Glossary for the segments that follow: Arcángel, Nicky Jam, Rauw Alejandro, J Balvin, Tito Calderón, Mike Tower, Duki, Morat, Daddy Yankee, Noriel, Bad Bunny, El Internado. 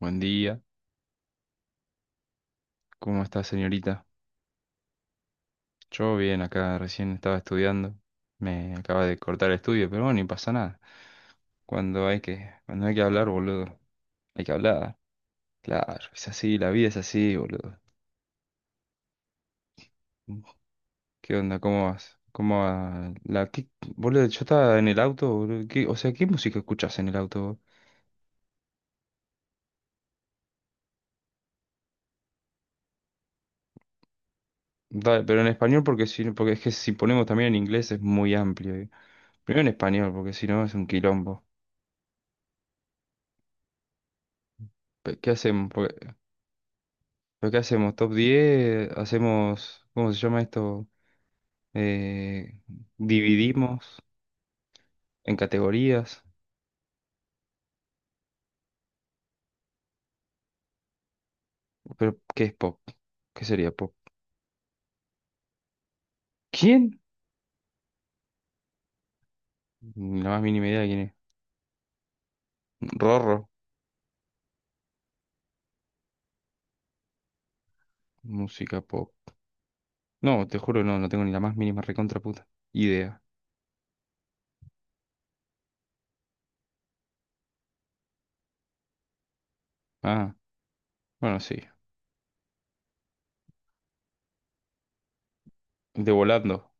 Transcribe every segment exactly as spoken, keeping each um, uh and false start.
Buen día, ¿cómo está señorita? Yo bien, acá recién estaba estudiando, me acaba de cortar el estudio, pero bueno, ni pasa nada. Cuando hay que, cuando hay que hablar, boludo, hay que hablar, claro, es así, la vida es así, boludo. Mm, ¿Qué onda? ¿Cómo vas? ¿Cómo va? La, qué- boludo, yo estaba en el auto, boludo, ¿qué- o sea, ¿qué música escuchás en el auto? Dale, pero en español porque si, no, porque es que si ponemos también en inglés es muy amplio. eh. Primero en español, porque si no es un quilombo. Pe- ¿Qué hacemos? ¿Pero qué hacemos? ¿Top diez? ¿Hacemos, cómo se llama esto? Eh, Dividimos en categorías. ¿Pero qué es pop? ¿Qué sería pop? ¿Quién? Ni la más mínima idea de quién es. Rorro. Música pop. No, te juro, no, no tengo ni la más mínima recontra puta idea. Ah, bueno, sí. De volando.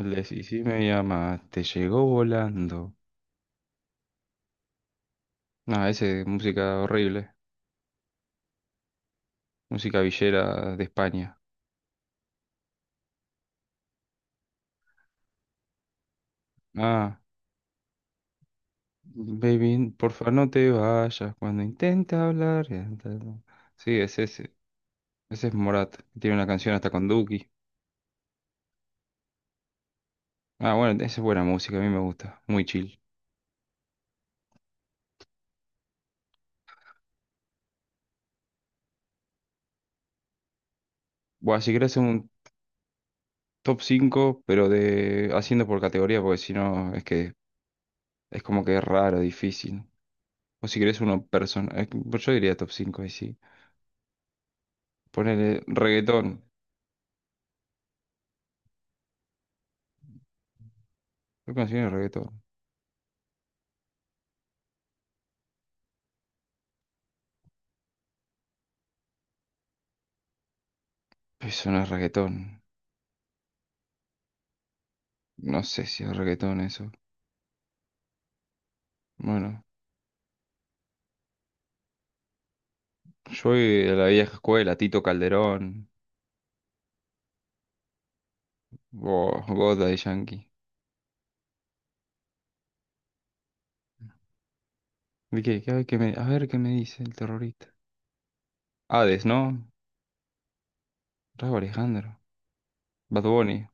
El de si, si me llama, te llegó volando. Ah, ese, música horrible. Música villera de España. Ah. Baby, por favor no te vayas cuando intenta hablar, ya está, ¿no? Sí, es ese. Ese es Morat. Tiene una canción hasta con Duki. Ah, bueno, esa es buena música, a mí me gusta. Muy chill. Bueno, si querés hacer un top cinco, pero de haciendo por categoría, porque si no es que es como que es raro, difícil. O si querés uno personal. Eh, pues yo diría top cinco y sí. Ponele reggaetón. ¿Qué canción es reggaetón? Eso no es reggaetón. No sé si es reggaetón eso. Bueno, soy de la vieja escuela, Tito Calderón, vos, vos Daddy Yankee. ¿Y qué? ¿Qué- qué me- a ver qué me dice el terrorista. Hades, ¿no? Rauw Alejandro. Bad Bunny.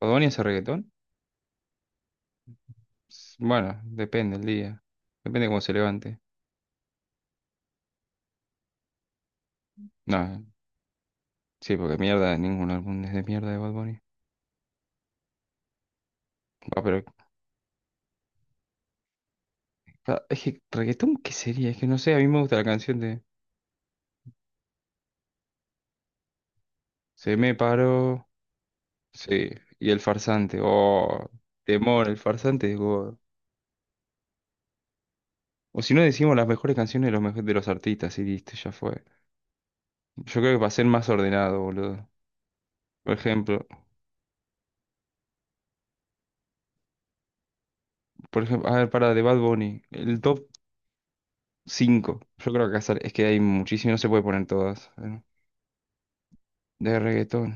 ¿Bad Bunny hace reggaetón? S- Bueno, depende el día. Depende cómo se levante. No, sí, porque mierda, ningún álbum es de mierda de Bad Bunny. Ah, pero ah, es que reggaetón, ¿qué sería? Es que no sé, a mí me gusta la canción de Se me paró. Sí, y el farsante. Oh, temor, el farsante. O si no decimos las mejores canciones de los, mejo- de los artistas y listo, ya fue. Yo creo que va a ser más ordenado, boludo. Por ejemplo, por ejemplo, a ver, para de Bad Bunny, el top cinco yo creo que acá es que hay muchísimo, no se puede poner todas. eh. De reggaetón,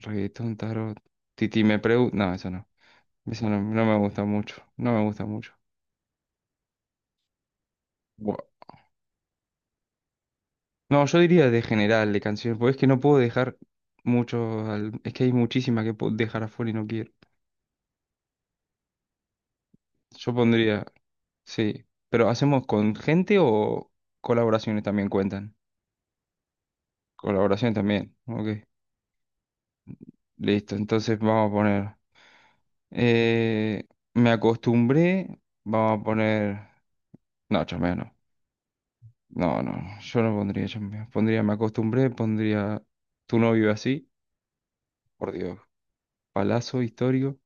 reggaetón, tarot. Titi me pregunta. No, eso no. Eso no, no me gusta mucho. No me gusta mucho. Buah. No, yo diría de general, de canciones, porque es que no puedo dejar mucho al- es que hay muchísimas que puedo dejar afuera y no quiero. Yo pondría. Sí, pero ¿hacemos con gente o colaboraciones también cuentan? Colaboración también, ok. Listo, entonces vamos a poner... eh, Me acostumbré, vamos a poner... No, chambea no. No, no, yo no pondría chambea. Pondría me acostumbré, pondría tu novio así, por Dios. Palazo histórico.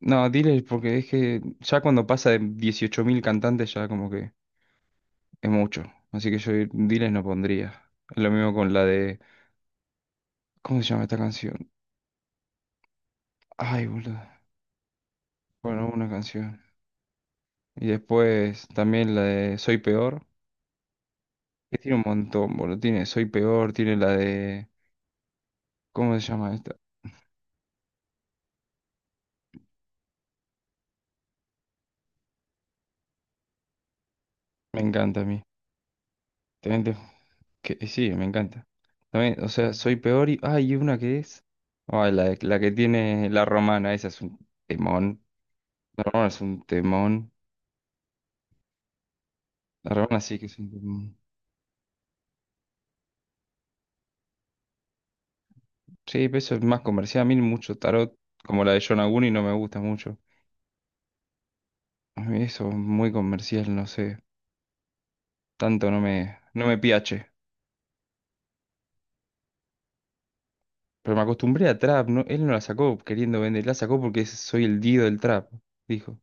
No, dile porque es que ya cuando pasa de dieciocho mil cantantes ya como que es mucho. Así que yo diles no pondría. Lo mismo con la de... ¿Cómo se llama esta canción? Ay, boludo. Bueno, una canción. Y después también la de Soy Peor. Que tiene un montón, boludo. Tiene Soy Peor, tiene la de... ¿Cómo se llama esta? Me encanta a mí. También te- que, sí, me encanta. También, o sea, Soy Peor y... Ay, y una que es... Ay, la, de- la que tiene La Romana, esa es un temón. La Romana es un temón. La Romana sí que es un temón. Sí, pero eso es más comercial. A mí mucho tarot, como la de John Aguni, no me gusta mucho. A mí eso es muy comercial, no sé. Tanto no me, no me piache. Pero me acostumbré a trap, ¿no? Él no la sacó queriendo vender, la sacó porque es- soy el dios del trap, dijo.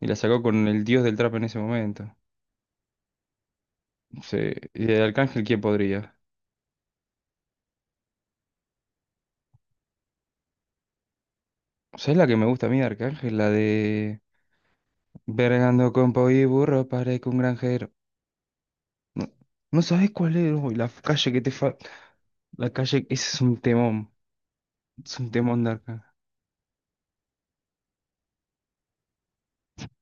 Y la sacó con el dios del trap en ese momento. Sí. ¿Y de Arcángel quién podría? ¿Sabes la que me gusta a mí de Arcángel? La de... Vergando con po y burro, parezco un granjero. No, no sabes cuál es, uy, la calle que te falta. La calle, ese es un temón. Es un temón de Arcángel.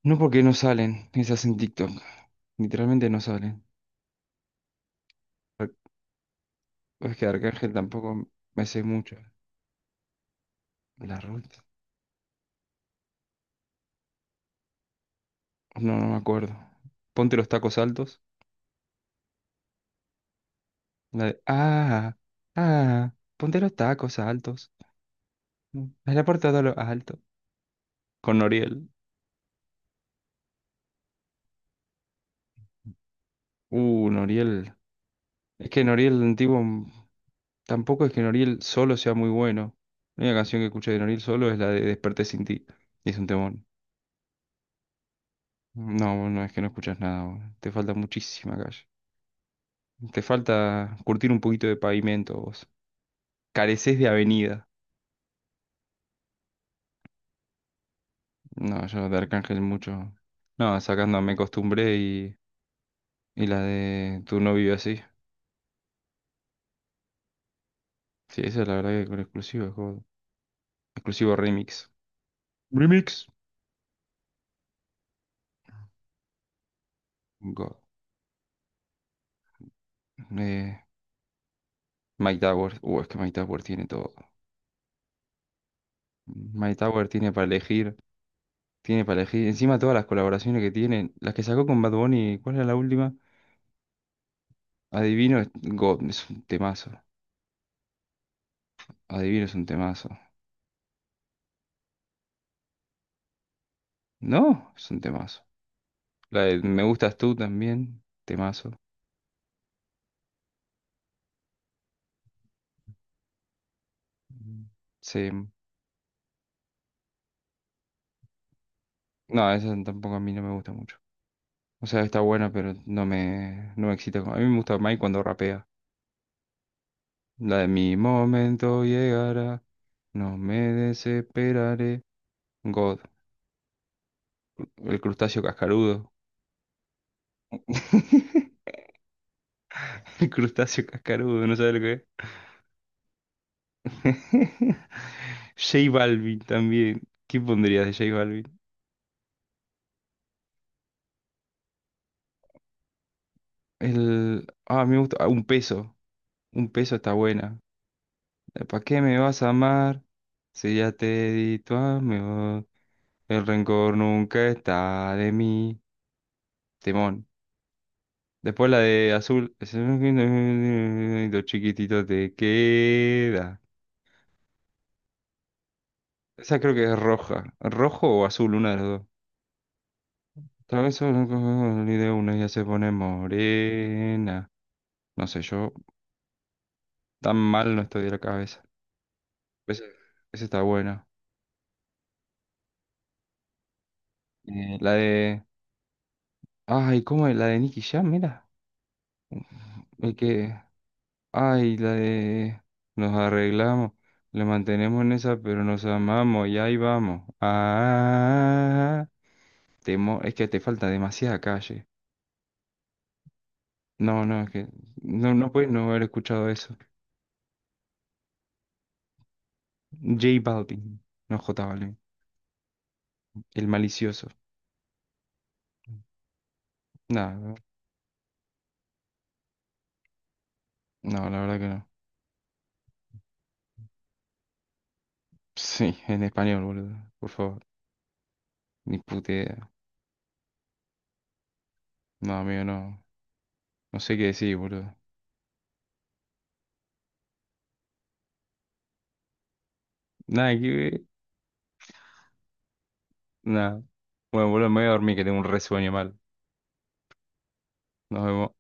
No porque no salen esas en TikTok. Literalmente no salen. Ar- Es que de Arcángel tampoco me sé mucho. La ruta. No, no me acuerdo. Ponte los tacos altos. La de, ah, ah, Ponte los tacos altos. Me la puerta de lo alto. Con Noriel. Uh, Noriel. Es que Noriel antiguo. mm, Tampoco es que Noriel solo sea muy bueno. La única canción que escuché de Noriel solo es la de Desperté sin ti. Y es un temón. No, vos no es que no escuchas nada, vos. Te falta muchísima calle. Te falta curtir un poquito de pavimento, vos. Careces de avenida. No, yo de Arcángel mucho. No, sacando Me Acostumbré y, y la de Tu no vive así. Sí, esa es la verdad que con exclusivo, God. Exclusivo remix. Remix. God. Eh, Mike Tower. Uh, es que Mike Tower tiene todo. Mike Tower tiene para elegir. Tiene para elegir. Encima todas las colaboraciones que tiene. Las que sacó con Bad Bunny. ¿Cuál era la última? Adivino es God. Es un temazo. Adivino es un temazo. No, es un temazo. La de Me Gustas Tú también. Temazo. Mm. Sí. No, esa tampoco a mí no me gusta mucho. O sea, está buena, pero no me, no me excita. como- A mí me gusta Mike cuando rapea. La de mi momento llegará, no me desesperaré. God, el crustáceo cascarudo. El crustáceo cascarudo, ¿no sabes lo que es? J Balvin también. ¿Qué pondrías de J Balvin? El... Ah, me gusta. Ah, un peso. Un peso está buena. ¿Para qué me vas a amar? Si ya te di tu amor. El rencor nunca está de mí. Timón. Después la de azul. Es un Dos chiquititos te queda. Esa creo que es roja. Rojo o azul, una de las dos. Otra vez solo con el de una ya se pone morena. No sé, yo tan mal no estoy de la cabeza. Esa, esa está buena. Eh, la de. Ay, ¿cómo es? La de Nicky Jam, mira. El que. Ay, la de... Nos arreglamos, le mantenemos en esa, pero nos amamos y ahí vamos. Ah, te mo- es que te falta demasiada calle. No, no, es que no, no puedes no haber escuchado eso. J Balvin, no J Balvin, el malicioso. No, no, no, la verdad que no. Sí, en español, boludo, por favor. Ni puta idea. No, amigo, no. No sé qué decir, boludo. Nada que ver. Nada. Bueno, boludo, me voy a dormir que tengo un resueño mal. Nos vemos.